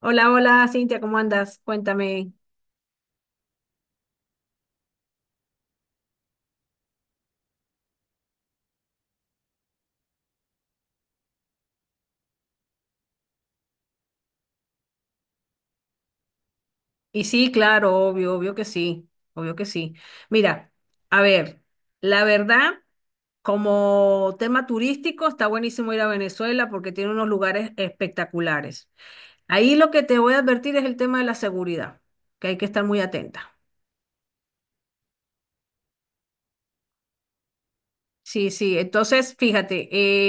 Hola, hola, Cintia, ¿cómo andas? Cuéntame. Y sí, claro, obvio, obvio que sí, obvio que sí. Mira, a ver, la verdad, como tema turístico, está buenísimo ir a Venezuela porque tiene unos lugares espectaculares. Ahí lo que te voy a advertir es el tema de la seguridad, que hay que estar muy atenta. Sí, sí, entonces, fíjate,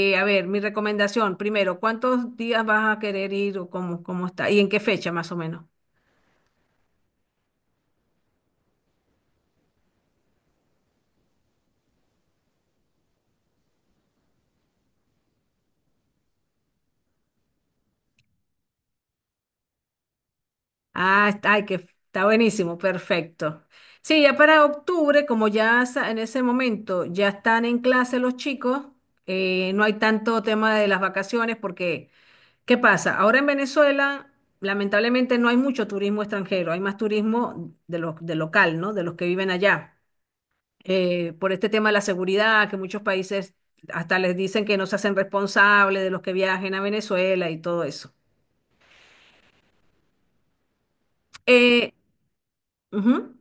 a ver, mi recomendación, primero, ¿cuántos días vas a querer ir o cómo está? ¿Y en qué fecha más o menos? Ah, está, ay, que está buenísimo, perfecto. Sí, ya para octubre, como en ese momento ya están en clase los chicos, no hay tanto tema de las vacaciones porque, ¿qué pasa? Ahora en Venezuela, lamentablemente no hay mucho turismo extranjero, hay más turismo de de local, ¿no? De los que viven allá. Por este tema de la seguridad, que muchos países hasta les dicen que no se hacen responsables de los que viajen a Venezuela y todo eso. Eh, ujú.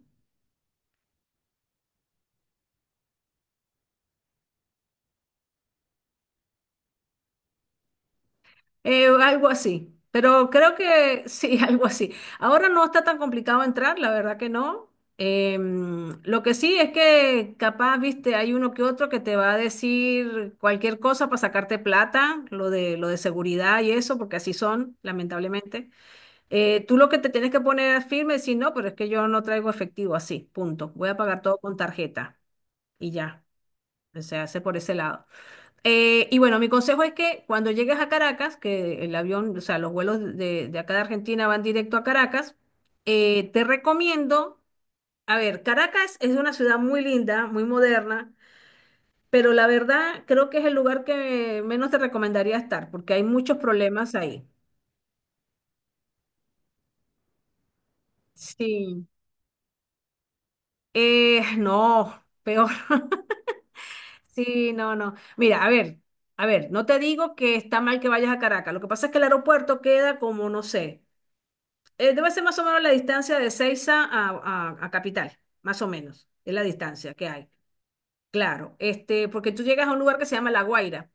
Algo así, pero creo que sí, algo así. Ahora no está tan complicado entrar, la verdad que no. Lo que sí es que capaz, viste, hay uno que otro que te va a decir cualquier cosa para sacarte plata, lo de seguridad y eso, porque así son, lamentablemente. Tú lo que te tienes que poner es firme es decir, no, pero es que yo no traigo efectivo así, punto. Voy a pagar todo con tarjeta y ya. O sea, hace por ese lado. Y bueno, mi consejo es que cuando llegues a Caracas, que el avión, o sea, los vuelos de acá de Argentina van directo a Caracas, te recomiendo, a ver, Caracas es una ciudad muy linda, muy moderna, pero la verdad creo que es el lugar que menos te recomendaría estar, porque hay muchos problemas ahí. Sí. No, peor. Sí, no, no. Mira, a ver, no te digo que está mal que vayas a Caracas. Lo que pasa es que el aeropuerto queda como, no sé. Debe ser más o menos la distancia de Seiza a Capital, más o menos, es la distancia que hay. Claro, este, porque tú llegas a un lugar que se llama La Guaira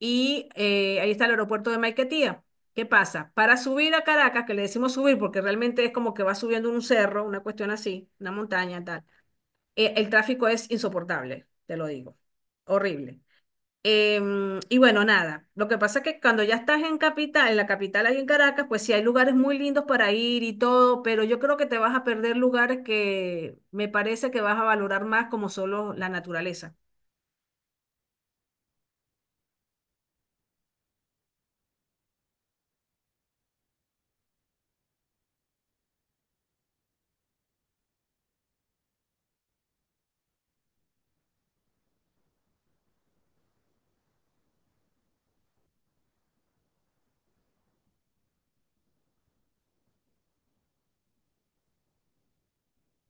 y ahí está el aeropuerto de Maiquetía. ¿Qué pasa? Para subir a Caracas, que le decimos subir porque realmente es como que vas subiendo un cerro, una cuestión así, una montaña, tal, el tráfico es insoportable, te lo digo, horrible. Y bueno, nada, lo que pasa es que cuando ya estás en capital, en la capital ahí en Caracas, pues sí hay lugares muy lindos para ir y todo, pero yo creo que te vas a perder lugares que me parece que vas a valorar más como solo la naturaleza.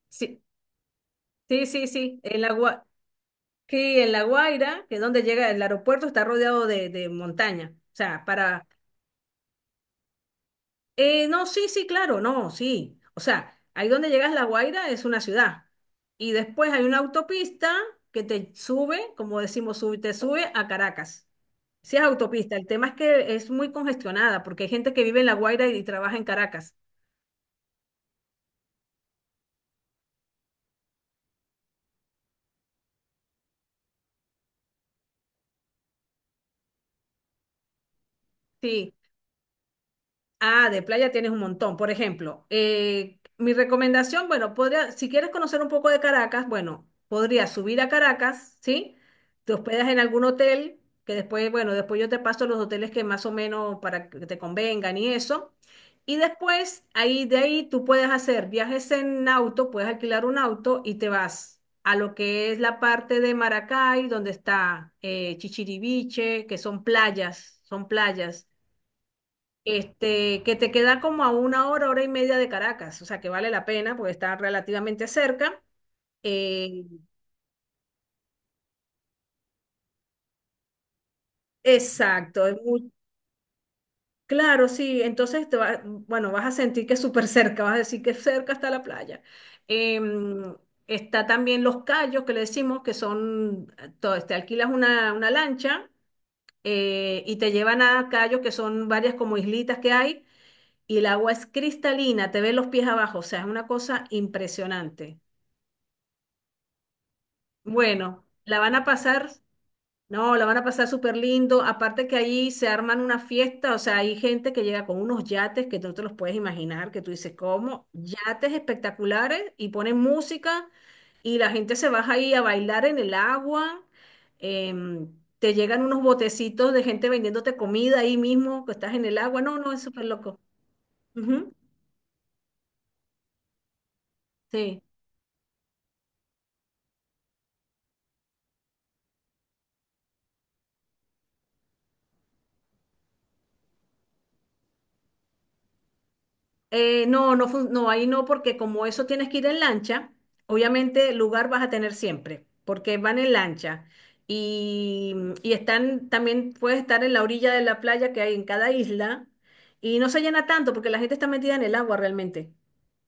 Sí, sí, sí, sí, sí, en La Guaira, que es donde llega el aeropuerto, está rodeado de montaña, o sea, para... No, sí, sí, claro, no, sí. O sea, ahí donde llegas La Guaira es una ciudad. Y después hay una autopista que te sube, como decimos, te sube a Caracas. Sí es autopista, el tema es que es muy congestionada porque hay gente que vive en La Guaira y trabaja en Caracas. Sí, ah, de playa tienes un montón. Por ejemplo, mi recomendación, bueno, podría, si quieres conocer un poco de Caracas, bueno, podrías subir a Caracas, ¿sí? Te hospedas en algún hotel, que después, bueno, después yo te paso los hoteles que más o menos para que te convengan y eso. Y después, ahí de ahí tú puedes hacer viajes en auto, puedes alquilar un auto y te vas a lo que es la parte de Maracay, donde está Chichiriviche, que son playas este, que te queda como a una hora, hora y media de Caracas, o sea que vale la pena porque está relativamente cerca. Eh, exacto, es muy claro, sí, entonces bueno, vas a sentir que es súper cerca, vas a decir que cerca está la playa. Em, Está también Los Cayos, que le decimos que son, te alquilas una lancha y te llevan a Cayos, que son varias como islitas que hay. Y el agua es cristalina, te ves los pies abajo, o sea, es una cosa impresionante. Bueno, la van a pasar, no, la van a pasar súper lindo. Aparte que ahí se arman una fiesta, o sea, hay gente que llega con unos yates que tú no te los puedes imaginar, que tú dices, ¿cómo? Yates espectaculares y ponen música y la gente se baja ahí a bailar en el agua. em, Te llegan unos botecitos de gente vendiéndote comida ahí mismo, que estás en el agua. No, no, es súper loco. Ujú, sí. No, ahí no, porque como eso tienes que ir en lancha, obviamente lugar vas a tener siempre, porque van en lancha y, y están, también puedes estar en la orilla de la playa que hay en cada isla y no se llena tanto porque la gente está metida en el agua realmente.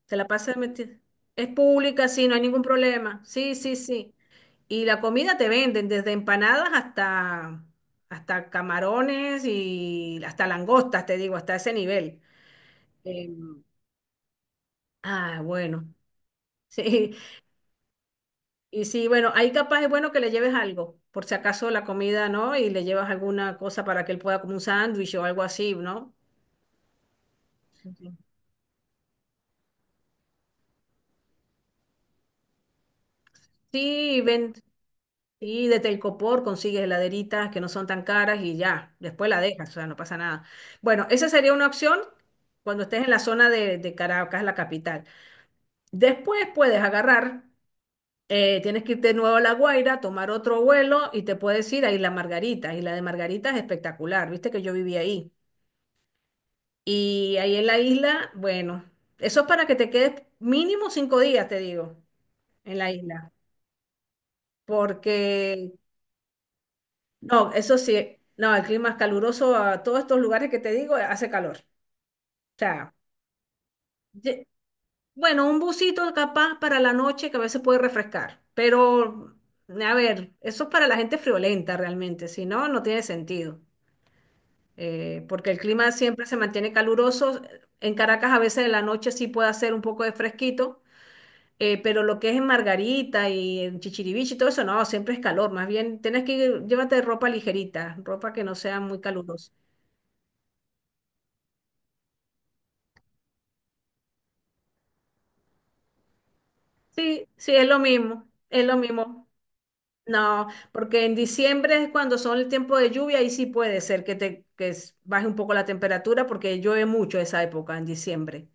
Se la pasa metida. Es pública, sí, no hay ningún problema. Sí, sí, sí. Y la comida te venden desde empanadas hasta, hasta camarones y hasta langostas, te digo, hasta ese nivel. Em, Ah, bueno, sí, y sí, bueno, ahí capaz es bueno que le lleves algo, por si acaso la comida, ¿no? Y le llevas alguna cosa para que él pueda como un sándwich o algo así, ¿no? Ujú. Sí, ven, y de Telcopor consigues heladeritas que no son tan caras y ya, después la dejas, o sea, no pasa nada. Bueno, esa sería una opción cuando estés en la zona de Caracas, la capital. Después puedes agarrar. Tienes que ir de nuevo a La Guaira, tomar otro vuelo y te puedes ir a Isla Margarita. Isla de Margarita es espectacular, viste que yo viví ahí. Y ahí en la isla, bueno, eso es para que te quedes mínimo 5 días, te digo, en la isla. Porque, no, eso sí, no, el clima es caluroso a todos estos lugares que te digo, hace calor. O sea, ye- bueno, un busito capaz para la noche que a veces puede refrescar, pero a ver, eso es para la gente friolenta realmente, si no, no tiene sentido. Porque el clima siempre se mantiene caluroso. En Caracas a veces en la noche sí puede hacer un poco de fresquito, pero lo que es en Margarita y en Chichiriviche y todo eso, no, siempre es calor. Más bien, llévate ropa ligerita, ropa que no sea muy calurosa. Sí, sí, es lo mismo, es lo mismo. No, porque en diciembre es cuando son el tiempo de lluvia y sí puede ser que baje un poco la temperatura porque llueve mucho esa época en diciembre.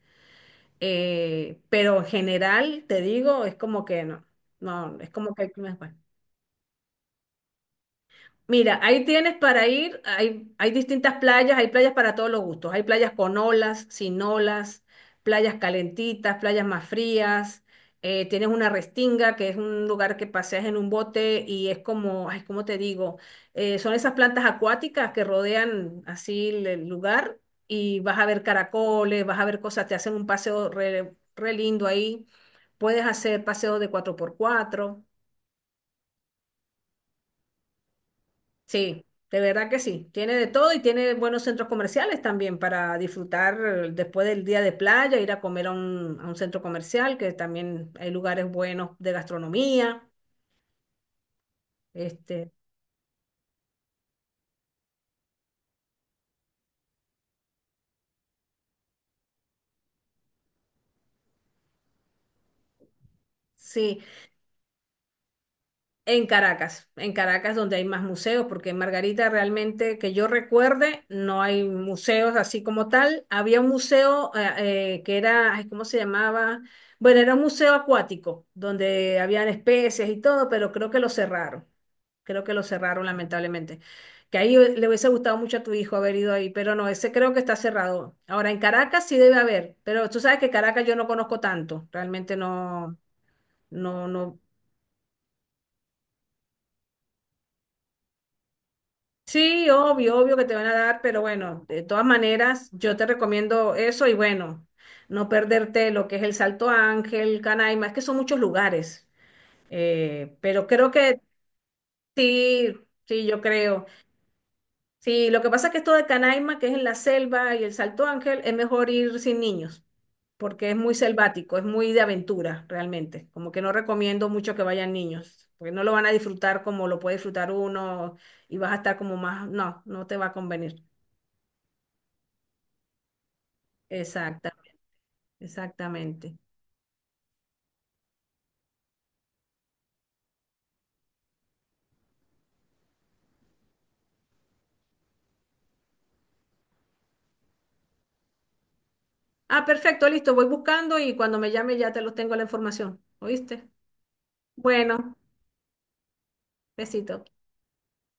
Pero en general, te digo, es como que no, no, es como que el clima es bueno. Mira, ahí tienes para ir, hay distintas playas, hay playas para todos los gustos, hay playas con olas, sin olas, playas calentitas, playas más frías, tienes una restinga, que es un lugar que paseas en un bote y es como, ay, ¿cómo te digo? Son esas plantas acuáticas que rodean así el lugar y vas a ver caracoles, vas a ver cosas, te hacen un paseo re lindo ahí, puedes hacer paseos de 4x4. Sí, de verdad que sí. Tiene de todo y tiene buenos centros comerciales también para disfrutar después del día de playa, ir a comer a a un centro comercial, que también hay lugares buenos de gastronomía. Este, sí. En Caracas donde hay más museos, porque en Margarita realmente, que yo recuerde, no hay museos así como tal. Había un museo que era, ay, ¿cómo se llamaba? Bueno, era un museo acuático, donde habían especies y todo, pero creo que lo cerraron. Creo que lo cerraron, lamentablemente. Que ahí le hubiese gustado mucho a tu hijo haber ido ahí, pero no, ese creo que está cerrado. Ahora, en Caracas sí debe haber, pero tú sabes que Caracas yo no conozco tanto, realmente no, no, no. Sí, obvio, obvio que te van a dar, pero bueno, de todas maneras, yo te recomiendo eso y bueno, no perderte lo que es el Salto Ángel, Canaima, es que son muchos lugares, pero creo que sí, sí, yo creo. Sí, lo que pasa es que esto de Canaima, que es en la selva y el Salto Ángel, es mejor ir sin niños, porque es muy selvático, es muy de aventura realmente, como que no recomiendo mucho que vayan niños, porque no lo van a disfrutar como lo puede disfrutar uno y vas a estar como más, no, no te va a convenir. Exacta, exactamente. Ah, perfecto, listo, voy buscando y cuando me llame ya te los tengo la información. ¿Oíste? Bueno, besito.